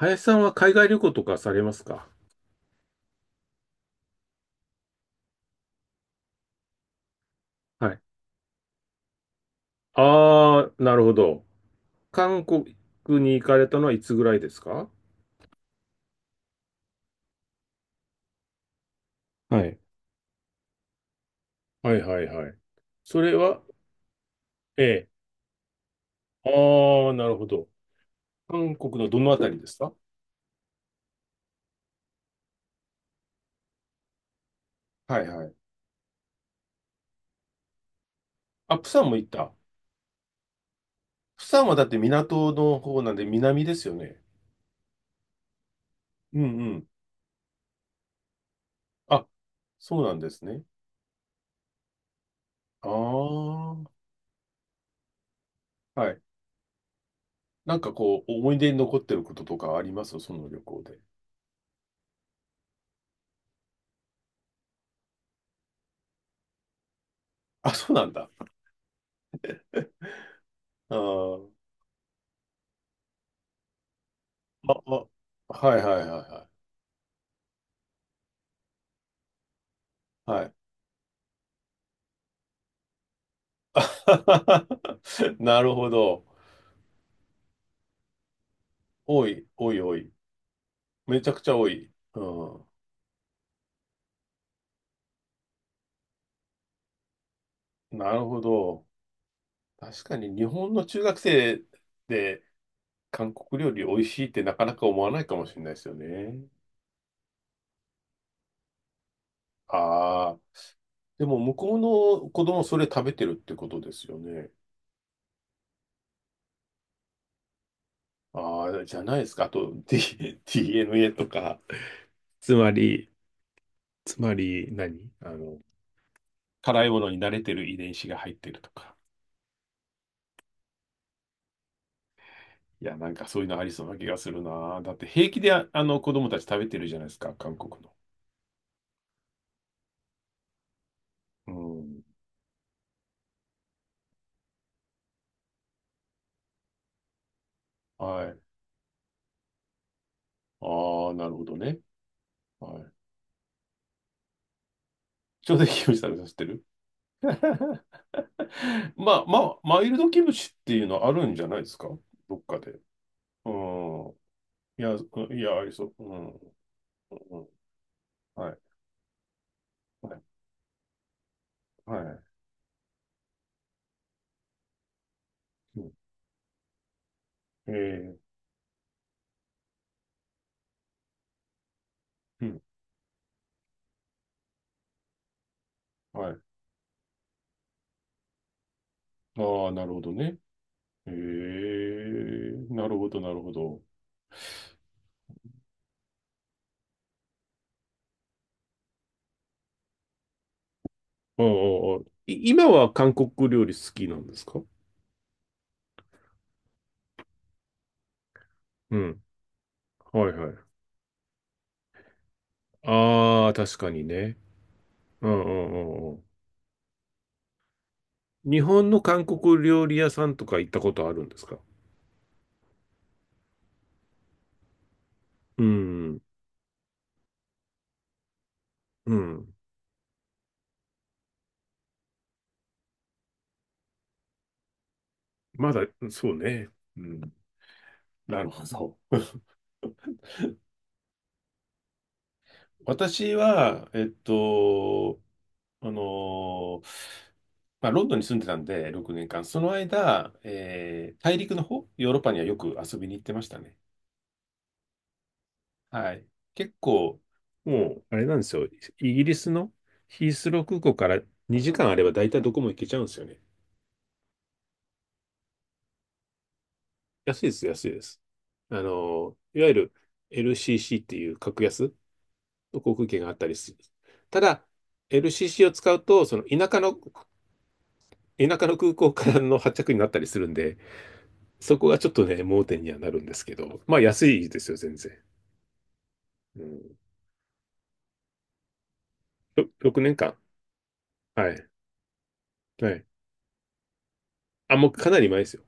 林さんは海外旅行とかされますか？はい。ああ、なるほど。韓国に行かれたのはいつぐらいですか？はい。はいはいはい。それは、ええ。ああ、なるほど。韓国のどのあたりですか？はいはい。あ、釜山も行った。釜山はだって港の方なんで南ですよね。うんうん。あ、そうなんですね。ああ、はい。なんかこう、思い出に残ってることとかありますその旅行で。あ、そうなんだ。ああ。あ、あはいはいはいはい。はい。なるほど。多い、多い、多い。めちゃくちゃ多い。うん。なるほど。確かに日本の中学生で韓国料理美味しいってなかなか思わないかもしれないですよね。ああ。でも向こうの子供それ食べてるってことですよね。ああ、じゃないですか。あと、DNA とか。つまり、つまり何あの、辛いものに慣れてる遺伝子が入ってるとか。いや、なんかそういうのありそうな気がするな。だって平気であの子供たち食べてるじゃないですか、韓国の。うん。はい。ああ、なるほどね。はい。ちょうどいいキムチ食べさせてる まあ、まあ、マイルドキムチっていうのあるんじゃないですか、どっかで？うん。いや、うんいや、ありそう。うん。うん。はい。はい。はい。うんえーうん。はい。ああ、なるほどね。ええなるほど、なるほど。うんうん今は韓国料理好きなんですか？うん。はいはい。ああ、確かにね。うんうんうんうん。日本の韓国料理屋さんとか行ったことあるんですか？うん。うん。まだ、そうね。うん。なるほど。私は、あのーまあ、ロンドンに住んでたんで、6年間。その間、大陸の方、ヨーロッパにはよく遊びに行ってましたね。はい。結構、もう、あれなんですよ。イギリスのヒースロー空港から2時間あれば大体どこも行けちゃうんですよね。安いです、安いです。いわゆる LCC っていう格安の航空券があったりする。ただ、LCC を使うと、その田舎の空港からの発着になったりするんで、そこがちょっとね、盲点にはなるんですけど、まあ安いですよ、全然。うん、6年間。はい。はい。あ、もうかなり前ですよ。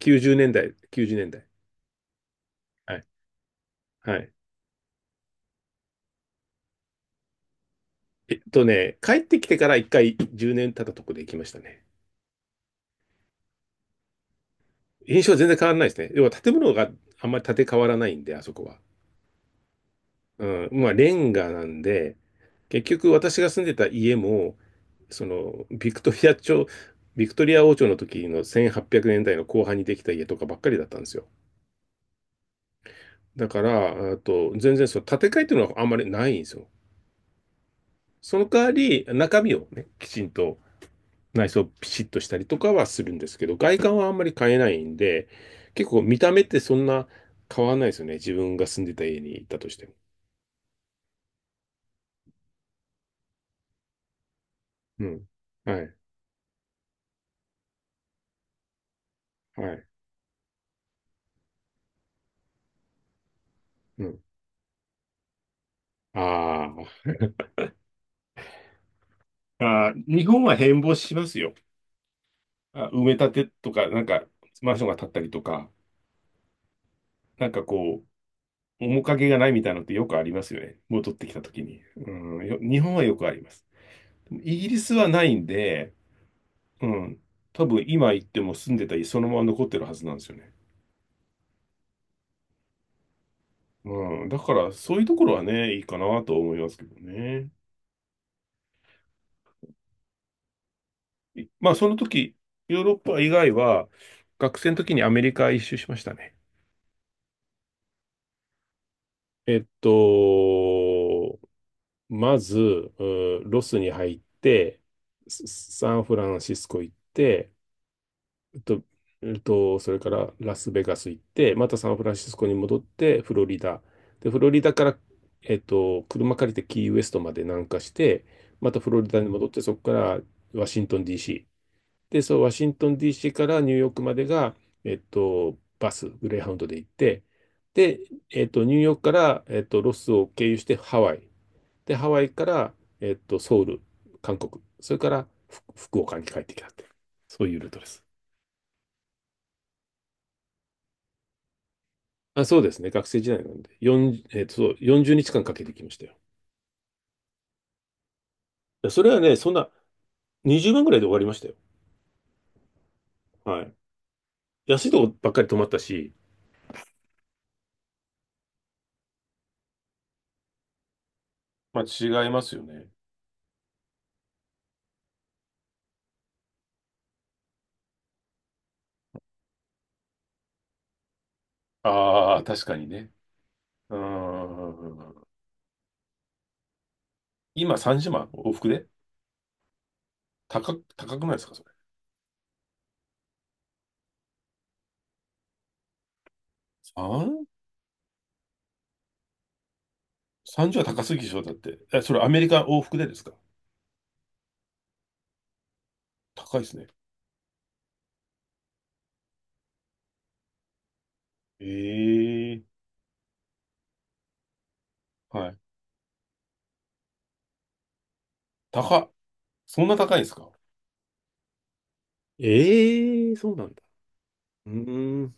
90年代、90年代。はいはい。帰ってきてから一回10年経ったとこで行きましたね。印象は全然変わらないですね。要は建物があんまり建て替わらないんで、あそこは。うん、まあレンガなんで、結局私が住んでた家も、そのビクトリア朝、ビクトリア王朝の時の1800年代の後半にできた家とかばっかりだったんですよ。だから、あと全然その建て替えっていうのはあんまりないんですよ。その代わり中身をね、きちんと内装ピシッとしたりとかはするんですけど、外観はあんまり変えないんで、結構見た目ってそんな変わらないですよね。自分が住んでた家に行ったとしても。うん。はい。はい。うん。ああ。あー、日本は変貌しますよ。あ、埋め立てとか、なんか、マンションが建ったりとか、なんかこう、面影がないみたいなのってよくありますよね。戻ってきた時に。うん。日本はよくあります。でもイギリスはないんで、うん。多分今行っても住んでた家そのまま残ってるはずなんですよね。うん、だからそういうところはね、いいかなと思いますけどね。まあその時、ヨーロッパ以外は、学生の時にアメリカ一周しましたね。えっと、まず、うんロスに入って、サンフランシスコ行って、えっと、それからラスベガス行って、またサンフランシスコに戻って、フロリダ。で、フロリダから、車借りてキーウエストまで南下して、またフロリダに戻って、そこからワシントン DC。で、そう、ワシントン DC からニューヨークまでが、バス、グレーハウンドで行って、で、ニューヨークから、ロスを経由してハワイ。で、ハワイから、ソウル、韓国。それから、福岡に帰ってきたって。そういうルートです。あ、そうですね。学生時代なんで。40、そう日間かんかけてきましたよ。いやそれはね、そんな20万ぐらいで終わりましたよ。はい。安いとこばっかり泊まったし、まあ違いますよね。ああ、確かにね。うーん。今30万往復で高くないですかそれ？三 ?30 は高すぎでしょ？だって、え、それアメリカ往復でですか？高いですね。ええはい。高っ。そんな高いんですか？ええそうなんだ。うーん、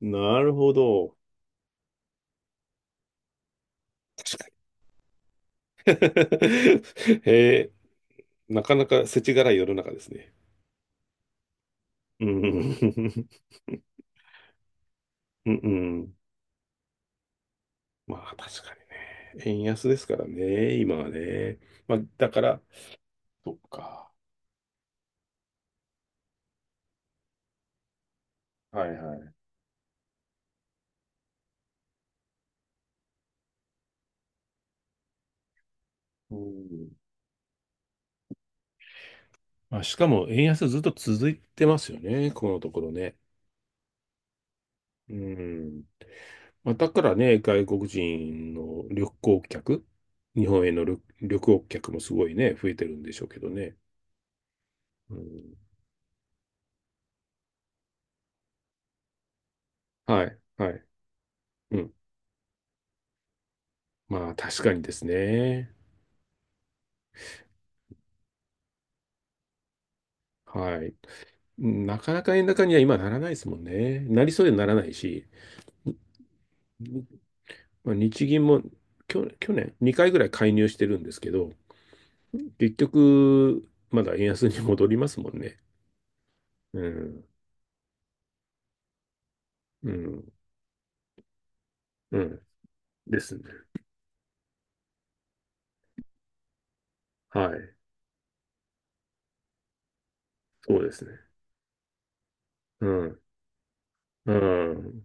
なるほど。えなかなか世知辛い世の中ですね。うん。うんうん。まあ確かにね。円安ですからね、今はね。まあだから、そっか。はいはい。うん。まあしかも円安ずっと続いてますよね、このところね。うん。まあだからね、外国人の旅行客、日本への旅行客もすごいね、増えてるんでしょうけどね。うん。はい、はい。うんまあ確かにですね。はい。なかなか円高には今ならないですもんね。なりそうでならないし、ににまあ、日銀も去年2回ぐらい介入してるんですけど、結局まだ円安に戻りますもんね。うん、うん、うん。ですね。はい。そうですね。うん、うん。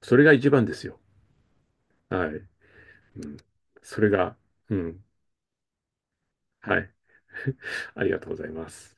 それが一番ですよ。はい。うん、それが、うん。はい。ありがとうございます。